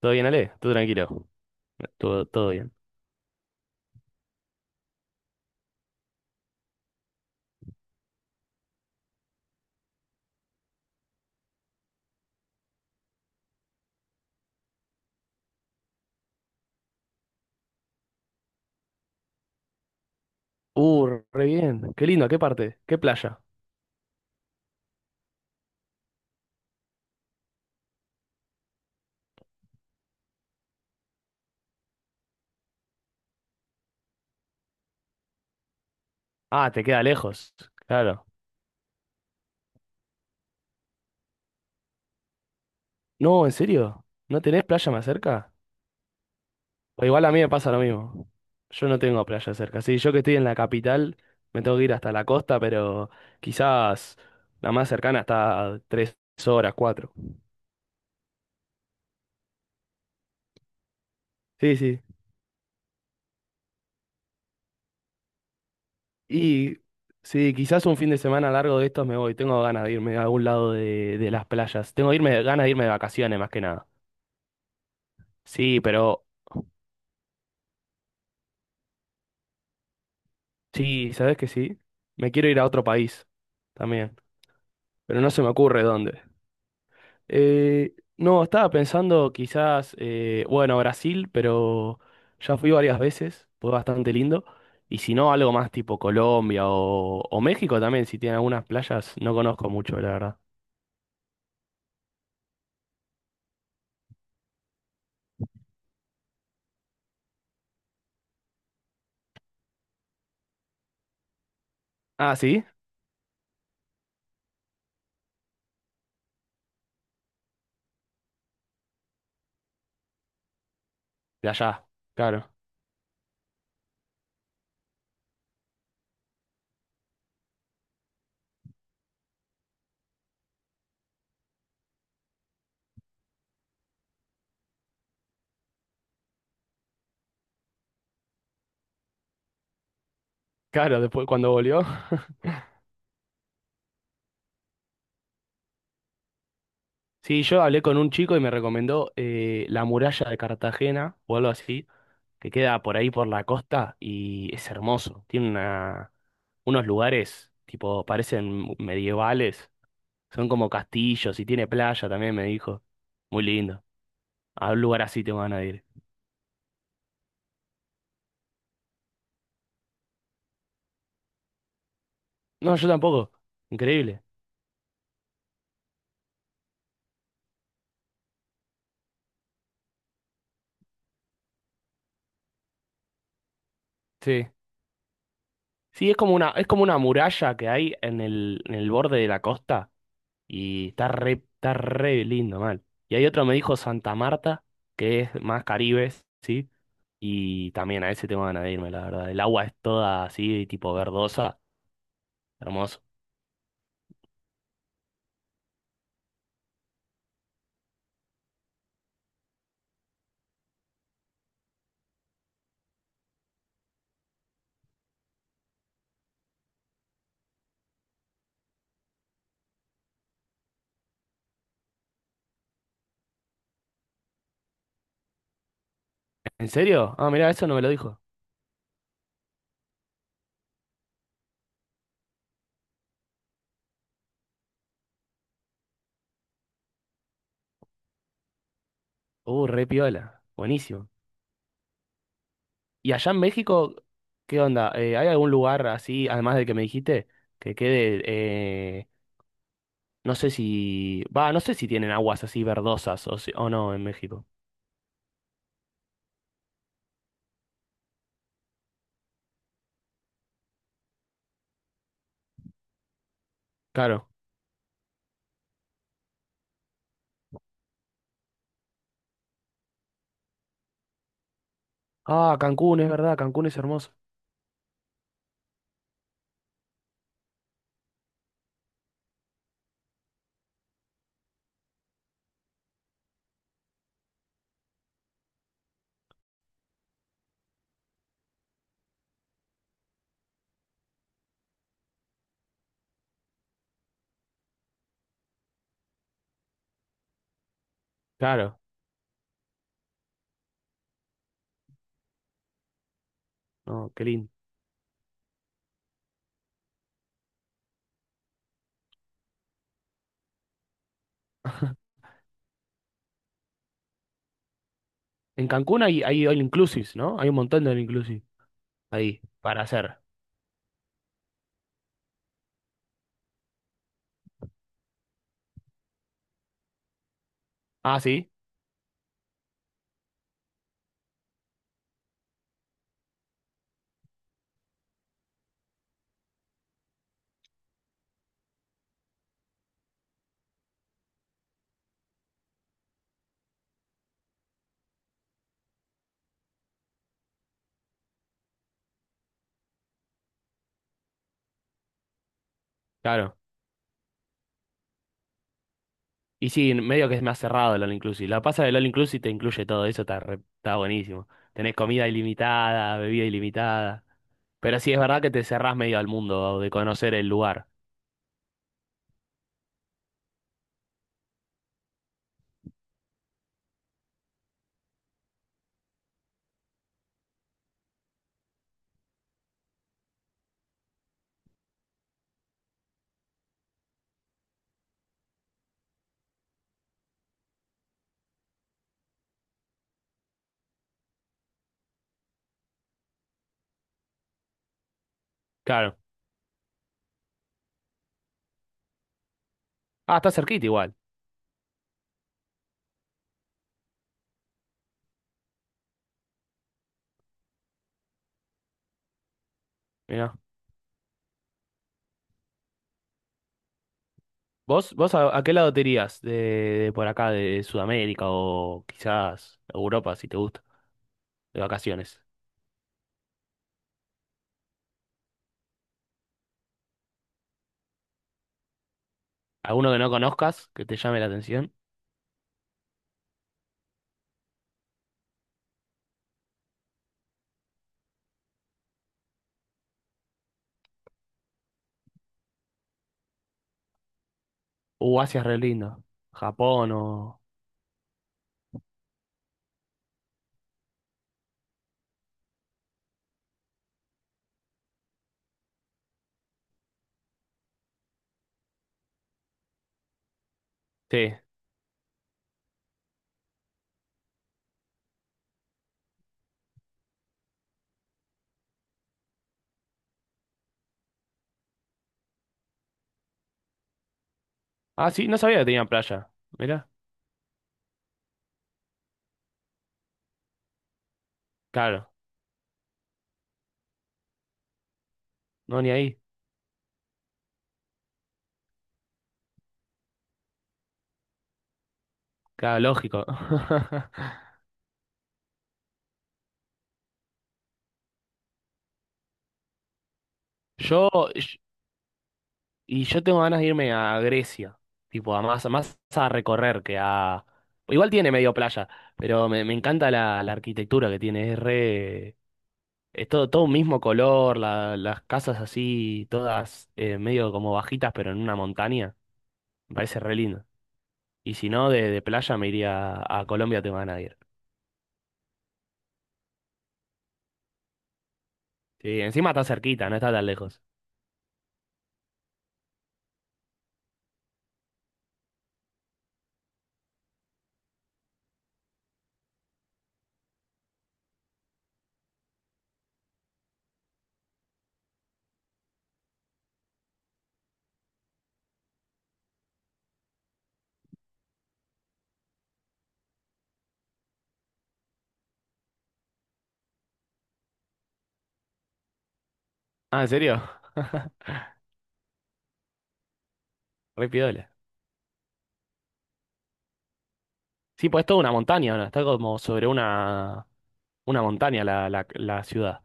¿Todo bien, Ale? Tú tranquilo. Todo bien. Re bien. Qué lindo, ¿qué parte? ¿Qué playa? Ah, te queda lejos. Claro. No, ¿en serio? ¿No tenés playa más cerca? O igual a mí me pasa lo mismo. Yo no tengo playa cerca. Sí, yo que estoy en la capital, me tengo que ir hasta la costa, pero quizás la más cercana está a tres horas, cuatro. Sí, sí. Y sí, quizás un fin de semana largo de estos me voy. Tengo ganas de irme a algún lado de las playas. Tengo irme, ganas de irme de vacaciones más que nada. Sí, pero sí, ¿sabes qué sí? Me quiero ir a otro país también, pero no se me ocurre dónde. No, estaba pensando quizás, bueno, Brasil, pero ya fui varias veces, fue bastante lindo. Y si no, algo más tipo Colombia o México también, si tiene algunas playas, no conozco mucho, la verdad. Ah, sí, de allá, claro. Claro, después cuando volvió. Sí, yo hablé con un chico y me recomendó la muralla de Cartagena o algo así, que queda por ahí por la costa y es hermoso. Tiene una, unos lugares, tipo, parecen medievales, son como castillos y tiene playa también, me dijo. Muy lindo. A un lugar así te van a ir. No, yo tampoco. Increíble. Sí. Sí, es como una muralla que hay en el borde de la costa. Y está re lindo, mal. Y hay otro, me dijo Santa Marta, que es más caribes, ¿sí? Y también a ese tengo ganas de irme, la verdad. El agua es toda así, tipo verdosa, hermoso. ¿En serio? Ah, mirá, eso no me lo dijo. Re piola. Buenísimo. ¿Y allá en México, qué onda? ¿Hay algún lugar así, además del que me dijiste, que quede, eh, no sé si, va, no sé si tienen aguas así verdosas o, si- o no en México? Claro. Ah, Cancún, es verdad, Cancún es hermoso. Claro. No, qué lindo. En Cancún hay, hay all inclusives, ¿no? Hay un montón de all inclusive ahí para hacer. Ah, sí, claro. Y sí, en medio que es más cerrado el all inclusive. La pasa del all inclusive te incluye todo eso, está, re- está buenísimo. Tenés comida ilimitada, bebida ilimitada. Pero sí es verdad que te cerrás medio al mundo de conocer el lugar. Claro. Ah, está cerquita igual. Mirá. ¿Vos, vos a qué lado te irías de por acá, de Sudamérica o quizás Europa, si te gusta, de vacaciones? ¿Alguno que no conozcas que te llame la atención? Asia es re lindo. ¿Japón o...? Sí. Ah, sí, no sabía que tenía playa. Mirá. Claro. No, ni ahí. Claro, lógico. Yo... yo- Y yo tengo ganas de irme a Grecia. Tipo, a más, más a recorrer que a... Igual tiene medio playa, pero me encanta la arquitectura que tiene. Es re... Es todo, todo un mismo color, la- las casas así, todas medio como bajitas, pero en una montaña. Me parece re lindo. Y si no, de playa me iría a Colombia, tengo ganas de ir. Sí, encima está cerquita, no está tan lejos. Ah, ¿en serio? Re piola. Sí, pues es toda una montaña, ¿no? Está como sobre una montaña la, la, la ciudad.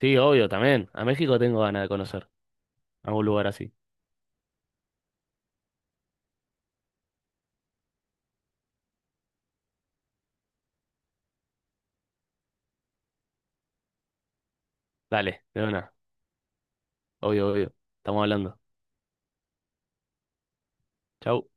Sí, obvio, también. A México tengo ganas de conocer algún lugar así. Dale, de una. Obvio, obvio. Estamos hablando. Chau.